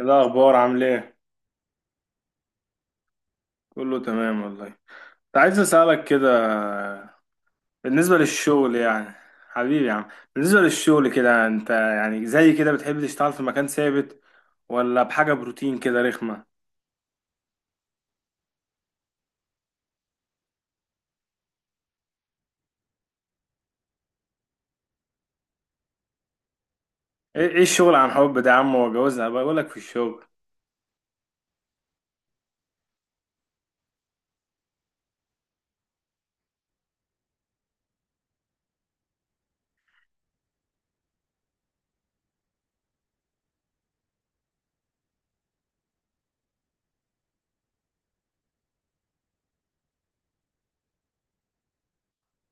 إيه الأخبار عامل إيه؟ كله تمام والله. كنت عايز أسألك كده، بالنسبة للشغل يعني. حبيبي يا عم، بالنسبة للشغل كده، أنت يعني زي كده بتحب تشتغل في مكان ثابت، ولا بحاجة بروتين كده رخمة؟ إيه الشغل عن حب ده يا عم؟ وجوازها، بقولك في الشغل.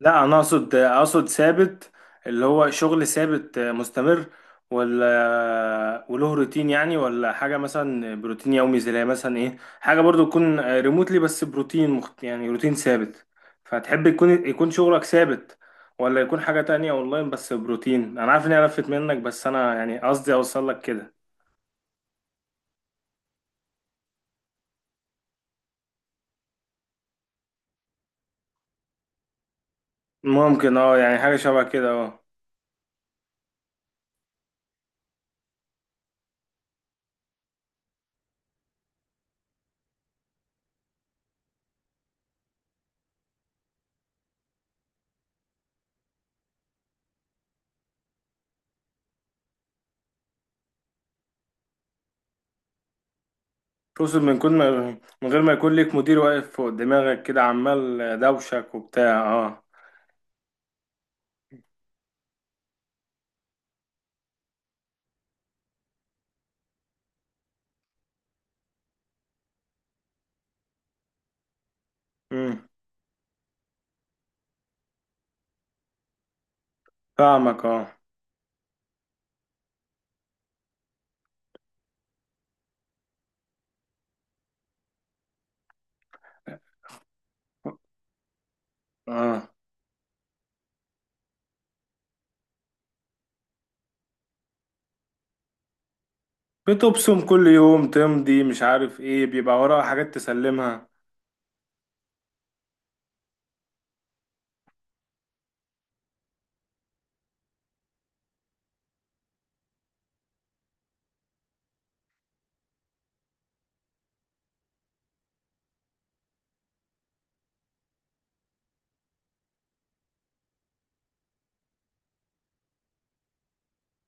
لا، انا اقصد ثابت، اللي هو شغل ثابت مستمر، ولا وله روتين يعني، ولا حاجه مثلا بروتين يومي، زي مثلا ايه، حاجه برضو تكون ريموتلي، بس بروتين يعني روتين ثابت. فتحب يكون شغلك ثابت ولا يكون حاجه تانية اونلاين بس بروتين؟ انا عارف اني قرفت منك، بس انا يعني قصدي اوصل لك كده. ممكن اه يعني حاجه شبه كده اه. تقصد من غير ما يكون ليك مدير واقف فوق دماغك كده عمال دوشك وبتاع اه؟ مم. فاهمك اه اه. بتبصم كل يوم، تمضي، مش عارف ايه، بيبقى وراها حاجات تسلمها.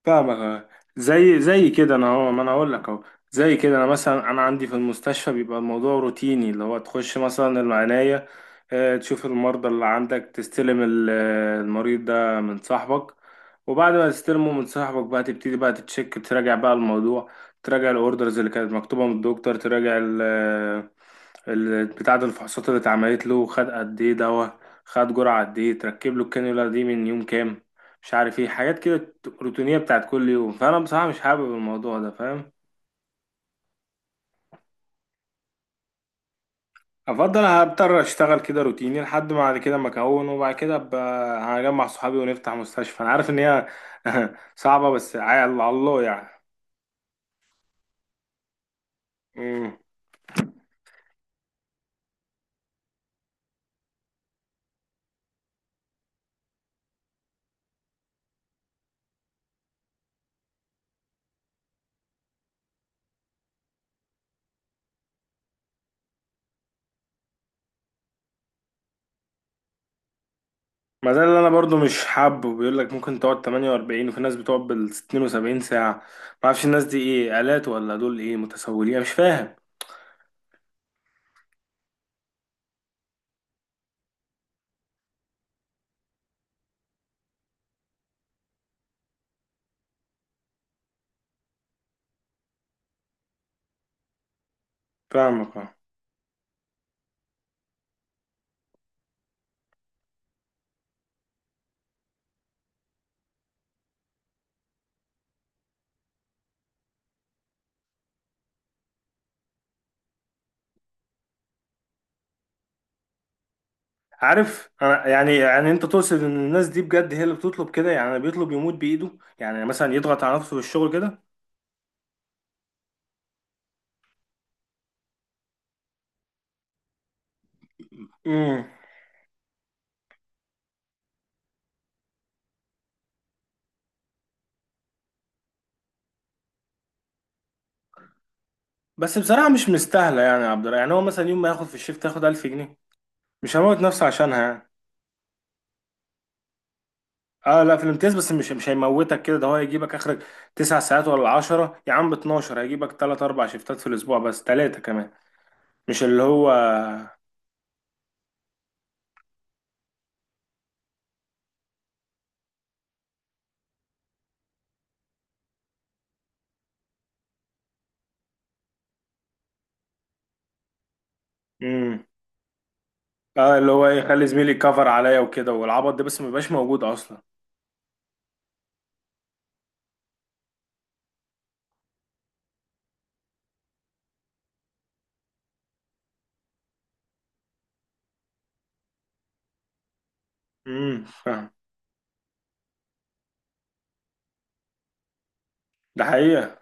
فاهمك اه. زي كده انا اهو، ما انا اقول لك اهو. زي كده انا مثلا، انا عندي في المستشفى بيبقى الموضوع روتيني، اللي هو تخش مثلا العناية، تشوف المرضى اللي عندك، تستلم المريض ده من صاحبك، وبعد ما تستلمه من صاحبك بقى تبتدي بقى تتشك، تراجع بقى الموضوع، تراجع الاوردرز اللي كانت مكتوبة من الدكتور، تراجع بتاع ده الفحوصات اللي اتعملت له، خد قد ايه دواء، خد جرعة قد ايه، تركب له الكانيولا دي من يوم كام، مش عارف ايه، حاجات كده روتينية بتاعت كل يوم. فانا بصراحة مش حابب الموضوع ده، فاهم. افضل هضطر اشتغل كده روتيني لحد ما بعد كده ما اكون، وبعد كده ابقى هجمع صحابي ونفتح مستشفى. انا عارف ان هي صعبة، بس على الله يعني. مم. ما ده اللي انا برضو مش حابه، بيقول لك ممكن تقعد 48 وفي ناس بتقعد بال 72 ساعة، ما اعرفش الناس دي ايه، آلات ولا دول ايه، متسولين، أنا مش فاهم. فاهمك اه. عارف انا يعني انت تقصد ان الناس دي بجد هي اللي بتطلب كده، يعني بيطلب يموت بايده، يعني مثلا يضغط على نفسه في الشغل كده. امم. بس بصراحة مش مستاهلة يعني يا عبد الرحمن، يعني هو مثلا يوم ما ياخد في الشيفت ياخد 1000 جنيه، مش هموت نفسه عشانها يعني. اه لا، في الامتياز، بس مش هيموتك كده، ده هو هيجيبك اخرك 9 ساعات ولا عشرة يا عم، ب 12 هيجيبك تلات اربع شيفتات في الاسبوع، بس تلاتة كمان، مش اللي هو. امم. اه، اللي هو يخلي زميلي يكفر عليا وكده والعبط ده، بس ما بيبقاش موجود اصلا. امم، فاهم. ده حقيقة.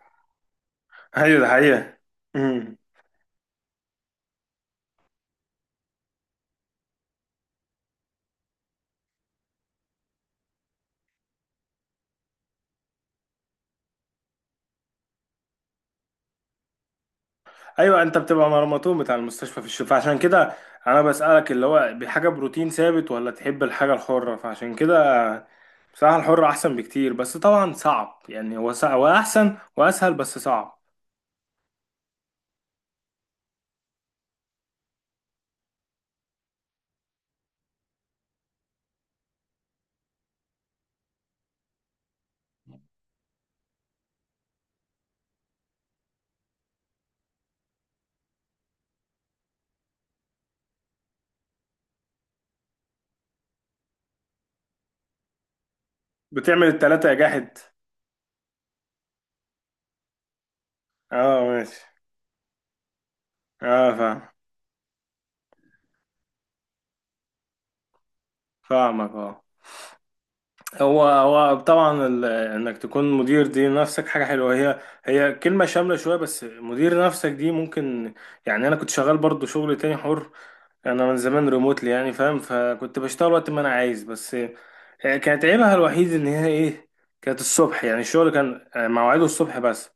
ايوه ده حقيقة. امم. ايوه، انت بتبقى مرمطون بتاع المستشفى في الشفاء، عشان كده انا بسألك اللي هو بحاجه بروتين ثابت ولا تحب الحاجه الحره. فعشان كده بصراحه الحره احسن بكتير، بس طبعا صعب يعني، هو صعب واحسن واسهل، بس صعب. بتعمل التلاتة يا جاحد. اه، ماشي. اه، فاهم. فاهمك اه. هو طبعا، انك تكون مدير دي نفسك حاجه حلوه، هي كلمه شامله شويه، بس مدير نفسك دي ممكن. يعني انا كنت شغال برضو شغل تاني حر، انا من زمان ريموتلي يعني، فاهم، فكنت بشتغل وقت ما انا عايز، بس كانت عيبها الوحيد ان هي ايه، كانت الصبح، يعني الشغل كان مواعيده الصبح بس،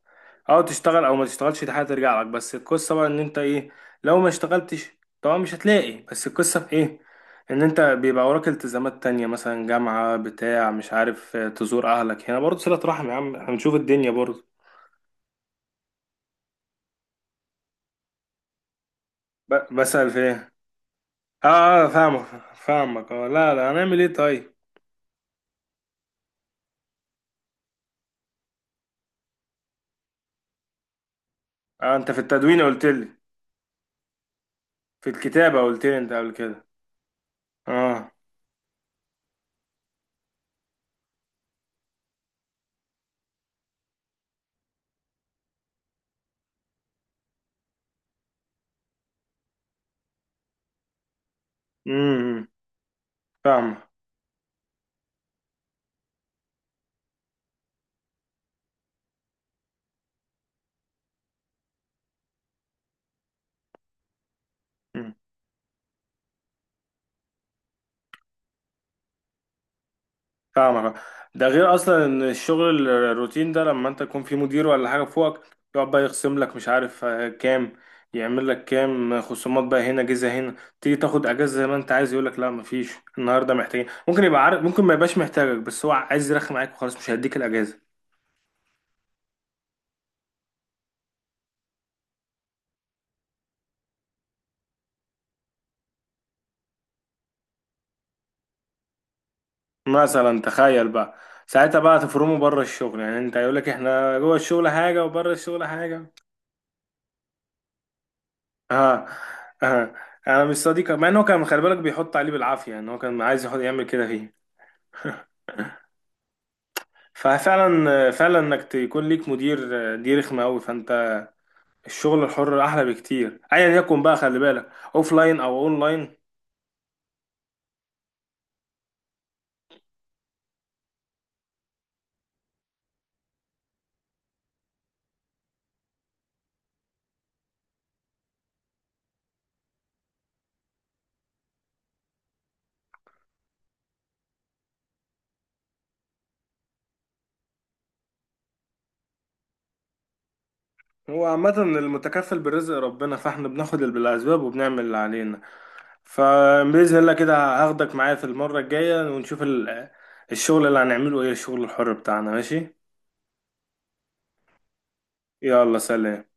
او تشتغل او ما تشتغلش دي حاجه ترجع لك. بس القصه بقى ان انت ايه، لو ما اشتغلتش طبعا مش هتلاقي، بس القصه في ايه، ان انت بيبقى وراك التزامات تانية، مثلا جامعه بتاع مش عارف تزور اهلك هنا برضه صله رحم يا عم، هنشوف الدنيا برضه. بسأل في ايه؟ اه اه، فاهمك اه. لا لا، هنعمل ايه طيب. آه، انت في التدوين قلت لي، في الكتابة قلت لي انت قبل كده، اه. امم، فاهمك. مم. فاهمك. ده غير اصلا ان الشغل الروتين ده، لما انت تكون في مدير ولا حاجة فوقك، يقعد بقى يخصم لك مش عارف كام، يعمل لك كام خصومات بقى، هنا جزء هنا، تيجي تاخد اجازة زي ما انت عايز، يقول لك لا مفيش، النهاردة محتاجين، ممكن يبقى عارف، ممكن ما يبقاش محتاجك، بس هو عايز يرخي معاك وخلاص مش هيديك الاجازة. مثلا تخيل بقى، ساعتها بقى تفرموا بره الشغل، يعني انت هيقول لك احنا جوه الشغل حاجة وبره الشغل حاجة. اه. اه، انا مش صديقه، مع ان هو كان خلي بالك بيحط عليه بالعافيه، يعني هو كان عايز يحط يعمل كده فيه. ففعلا فعلا انك تكون ليك مدير دي رخمه قوي. فانت الشغل الحر احلى بكتير ايا يكن بقى، خلي بالك، اوف لاين او اون لاين. هو عامه المتكفل بالرزق ربنا، فاحنا بناخد اللي بالاسباب وبنعمل اللي علينا، فباذن الله كده هاخدك معايا في المره الجايه، ونشوف الشغل اللي هنعمله ايه، الشغل الحر بتاعنا. ماشي، يلا سلام.